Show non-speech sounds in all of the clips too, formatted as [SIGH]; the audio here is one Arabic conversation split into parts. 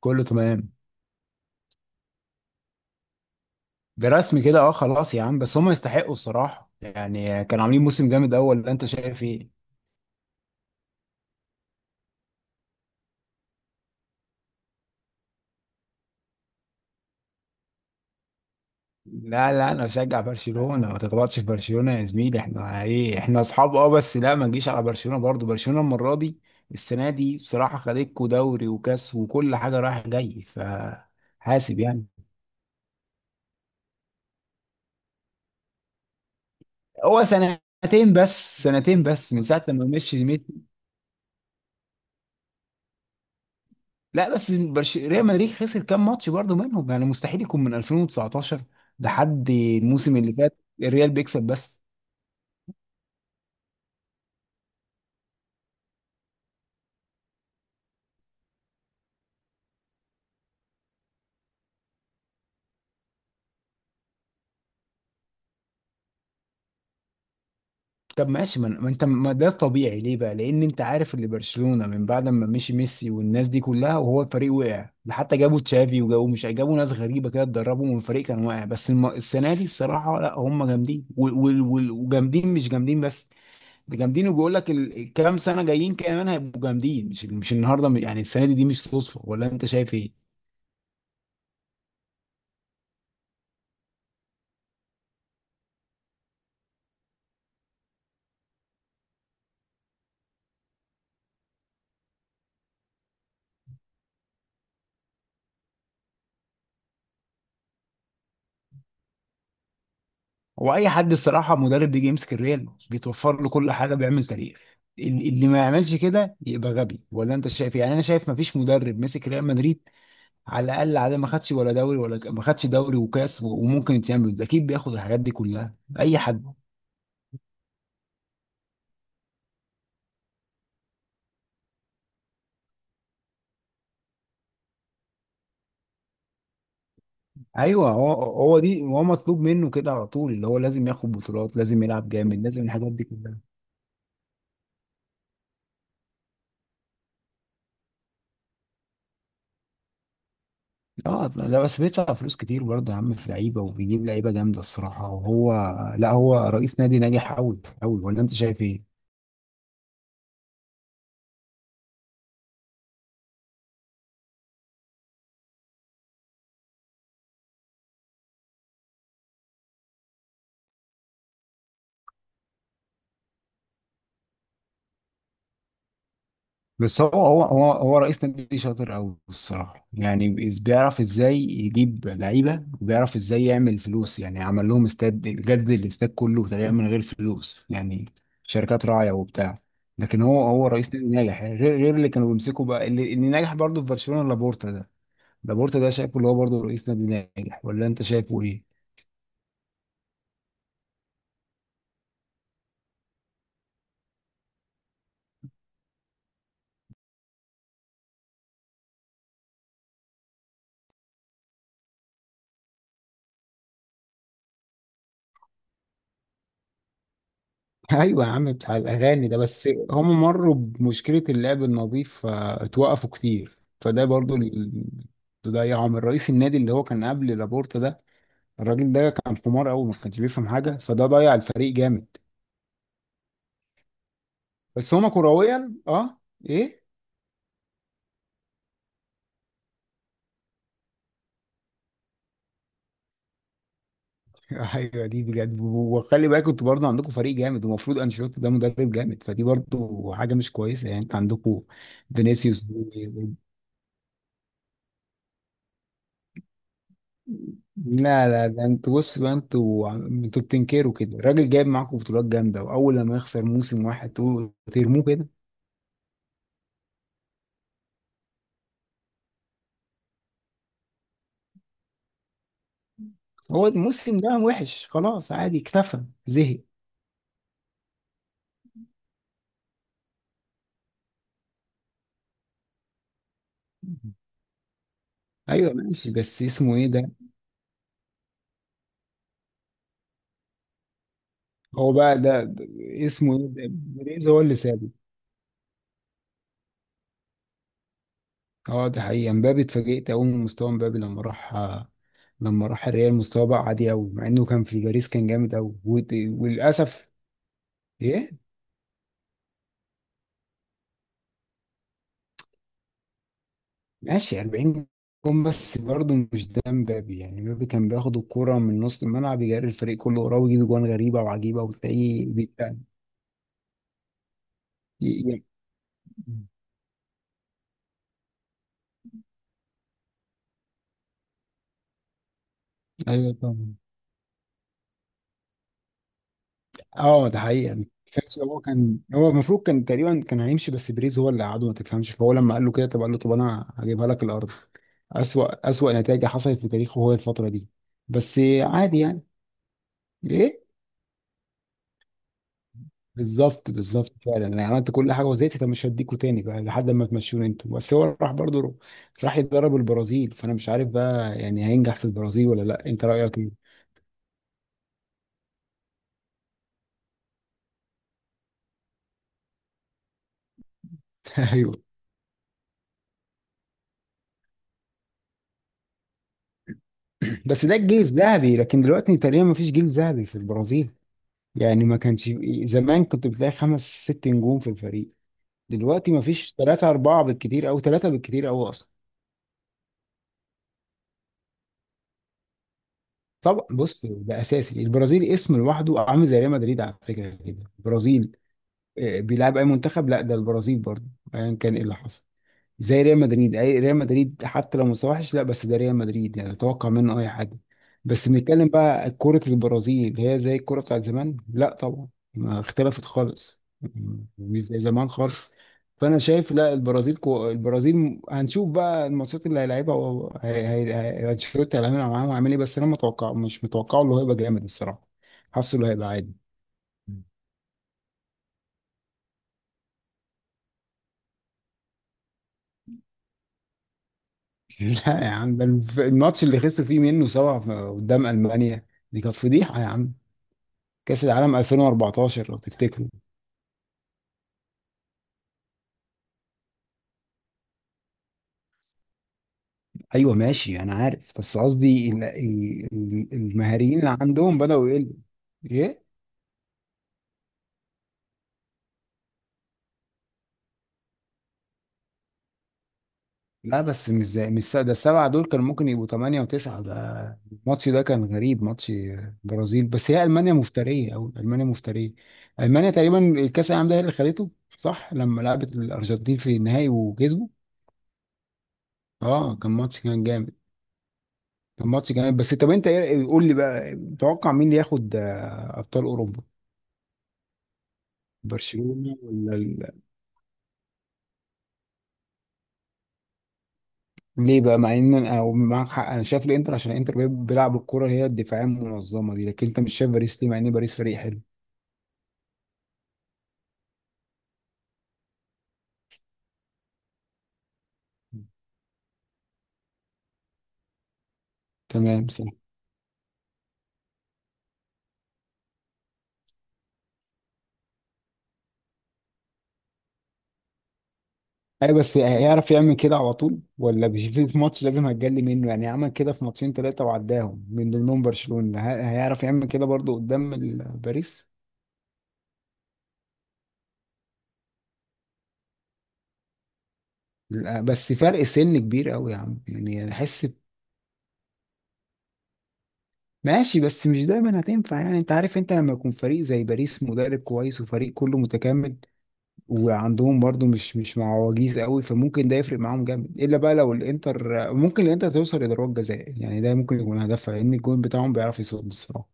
كله تمام. برسمي كده اه خلاص يا عم، بس هم يستحقوا الصراحة، يعني كانوا عاملين موسم جامد اول. اللي انت شايف ايه؟ لا لا، انا بشجع برشلونة، ما تتبطش في برشلونة يا زميلي، احنا ايه، احنا اصحاب اه، بس لا ما نجيش على برشلونة برضو. برشلونة المرة دي، السنة دي بصراحة خدتكوا دوري وكاس وكل حاجة رايح جاي، فحاسب يعني. هو سنتين بس، سنتين بس من ساعة لما مشي. لا بس ريال مدريد خسر كام ماتش برضه منهم، يعني مستحيل يكون من 2019 لحد الموسم اللي فات. الريال بيكسب بس. طب ماشي، ما انت ما ده طبيعي ليه بقى، لان انت عارف اللي برشلونة من بعد ما مشي ميسي والناس دي كلها، وهو الفريق وقع ده، حتى جابوا تشافي، وجابوا مش جابوا ناس غريبة كده اتدربوا من فريق كان واقع. بس السنة دي الصراحة، لا هم جامدين وجامدين، مش جامدين بس. ده جامدين، وبيقول لك الكام سنة جايين كمان هيبقوا جامدين، مش النهارده يعني. السنة دي مش صدفة، ولا انت شايف ايه؟ هو اي حد الصراحه مدرب بيجي يمسك الريال بيتوفر له كل حاجه بيعمل تاريخ، اللي ما يعملش كده يبقى غبي، ولا انت شايف إيه؟ يعني انا شايف ما فيش مدرب مسك ريال مدريد على الاقل على ما خدش ولا دوري، ولا ما خدش دوري وكاس وممكن يتعمل اكيد، بياخد الحاجات دي كلها اي حد. ايوه، هو دي هو مطلوب منه كده على طول، اللي هو لازم ياخد بطولات، لازم يلعب جامد، لازم الحاجات دي كلها. اه لا، بس بيدفع فلوس كتير برضه يا عم في لعيبه، وبيجيب لعيبه جامده الصراحه، وهو لا هو رئيس نادي ناجح قوي قوي، ولا انت شايف ايه؟ بس هو رئيس نادي شاطر قوي الصراحه، يعني بيعرف ازاي يجيب لعيبه، وبيعرف ازاي يعمل فلوس، يعني عمل لهم استاد جدد، الاستاد كله تقريبا من غير فلوس يعني، شركات راعيه وبتاع. لكن هو رئيس نادي ناجح يعني، غير اللي كانوا بيمسكوا بقى، اللي ناجح برضه في برشلونه، لابورتا ده. لابورتا ده شايفه اللي هو برضه رئيس نادي ناجح، ولا انت شايفه ايه؟ ايوه يا عم، بتاع الاغاني ده. بس هم مروا بمشكله اللعب النظيف فاتوقفوا كتير، فده برضو اللي ضيعهم، الرئيس النادي اللي هو كان قبل لابورتا ده. الراجل ده كان حمار قوي، ما كانش بيفهم حاجه، فده ضيع الفريق جامد. بس هما كرويا اه ايه. [LAUGHS] ايوه دي بجد. وخلي بالك انتوا برضه عندكم فريق جامد، ومفروض انشيلوتي ده مدرب جامد، فدي برضه حاجه مش كويسه، يعني انت عندكم فينيسيوس. لا لا، ده انتوا بص بقى، انتوا بتنكروا كده، الراجل جايب معاكم بطولات جامده، واول لما يخسر موسم واحد تقولوا ترموه كده. هو الموسم ده وحش خلاص، عادي، اكتفى زهق. ايوه ماشي، بس اسمه ايه ده؟ هو بقى ده اسمه ايه ده؟ بيريز هو اللي سابه. اه ده حقيقي، امبابي اتفاجئت قوي من مستوى امبابي لما راح، لما راح الريال مستواه بقى عادي قوي، مع انه كان في باريس كان جامد قوي. وللاسف ايه، ماشي 40 جون، بس برضه مش ده مبابي يعني، مبابي كان بياخد الكرة من نص الملعب، يجري الفريق كله وراه، ويجيب جوان غريبة وعجيبة، وتلاقيه بيبقى ي- ي- [LAUGHS] ايوه طبعا. اه ده حقيقة. تحس هو كان هو المفروض كان تقريبا كان هيمشي، بس بريز هو اللي قعده، ما تفهمش، فهو لما قال له كده، طب قال له طب انا هجيبها لك الارض. أسوأ نتائج حصلت في تاريخه هو الفترة دي. بس عادي يعني. ايه بالظبط بالظبط فعلا، انا عملت كل حاجه وزهقت، طب مش هديكوا تاني بقى لحد ما تمشوني انتوا. بس هو راح برضه راح يتدرب البرازيل، فانا مش عارف بقى يعني هينجح في البرازيل ولا لا، انت رايك ايه؟ [LAUGHS] ايوه، بس ده الجيل الذهبي، لكن دلوقتي تقريبا ما فيش جيل ذهبي في البرازيل يعني. ما كانش زمان كنت بتلاقي خمس ست نجوم في الفريق، دلوقتي ما فيش، ثلاثه اربعه بالكتير، او ثلاثه بالكتير او اصلا. طبعا بص، ده اساسي، البرازيل اسم لوحده، عامل زي ريال مدريد على فكره كده البرازيل. بيلعب اي منتخب، لا ده البرازيل برضه، ايا كان ايه اللي حصل. زي ريال مدريد، اي ريال مدريد حتى لو مستواه وحش، لا بس ده ريال مدريد يعني، اتوقع منه اي حاجه. بس بنتكلم بقى كرة البرازيل، هي زي الكرة بتاعت زمان لا طبعا، ما اختلفت خالص، مش زي زمان خالص. فانا شايف، لا البرازيل البرازيل هنشوف بقى الماتشات اللي هيلعبها و... هي... هي... هي... انشيلوتي هيعمل معاهم هيعمل ايه، بس انا متوقع، مش متوقع اللي هو هيبقى جامد الصراحه، حاسه اللي هيبقى عادي. لا يا عم، ده الماتش اللي خسروا فيه منه سبعة قدام ألمانيا، دي كانت فضيحة يا عم، كأس العالم 2014 لو تفتكروا. أيوة ماشي، أنا عارف، بس قصدي المهاريين اللي عندهم بدأوا يقلوا. إيه؟ لا بس مش زي، مش س- ده السبعة دول كانوا ممكن يبقوا ثمانية وتسعة ده. الماتش ده كان غريب، ماتش برازيل، بس هي ألمانيا مفترية، أو ألمانيا مفترية. ألمانيا تقريبا الكأس العالم ده هي اللي خدته، صح لما لعبت الأرجنتين في النهائي وكسبوا. اه كان ماتش، كان جامد، كان ماتش جامد. بس طب انت قول لي بقى، متوقع مين اللي ياخد ابطال اوروبا، برشلونة ولا ليه بقى، مع ان انا أو معاك حق، انا شايف الانتر، عشان الانتر بيلعب الكرة اللي هي الدفاعية المنظمة دي، لكن انت مش شايف باريس ليه، مع ان باريس فريق حلو. تمام صح. اي، بس هيعرف يعمل كده على طول، ولا مش في في ماتش لازم هتجلي منه يعني، عمل كده في ماتشين ثلاثة وعداهم من ضمنهم برشلونة، هيعرف يعمل كده برضه قدام باريس. لا، بس فرق سن كبير قوي يا عم يعني احس. ماشي، بس مش دايما هتنفع يعني، انت عارف انت لما يكون فريق زي باريس مدرب كويس وفريق كله متكامل، وعندهم برضو مش معوجيز قوي، فممكن ده يفرق معاهم جامد، الا بقى لو الانتر ممكن الانتر توصل لضربات جزاء يعني ده ممكن يكون هدفها، لان الجون بتاعهم بيعرف يصد الصراحه.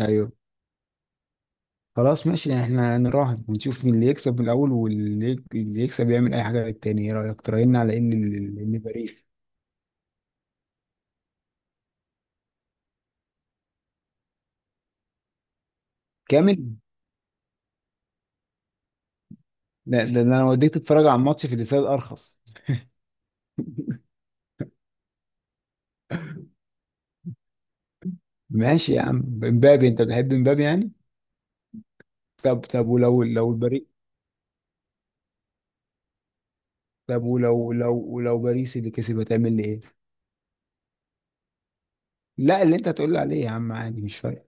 ايوه خلاص ماشي، احنا نراهن ونشوف مين اللي يكسب من الاول، واللي يكسب يعمل اي حاجه للتاني، ايه رايك تراهن على ان ان باريس كامل. ده انا وديك تتفرج على الماتش في الاستاد ارخص. ماشي يا عم، امبابي انت بتحب امبابي يعني. طب ولو لو باريس، طب ولو لو باريس اللي كسب هتعمل لي ايه؟ لا، اللي انت هتقول لي عليه يا عم عادي، مش فارق.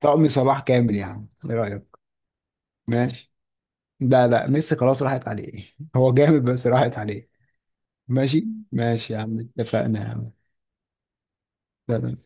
طقم صلاح كامل يا عم، ايه رايك؟ ماشي. لا لا، ميسي خلاص راحت عليه. [LAUGHS] هو جامد بس راحت عليه. ماشي، ماشي يا عم اتفقنا يا عم اتفقنا.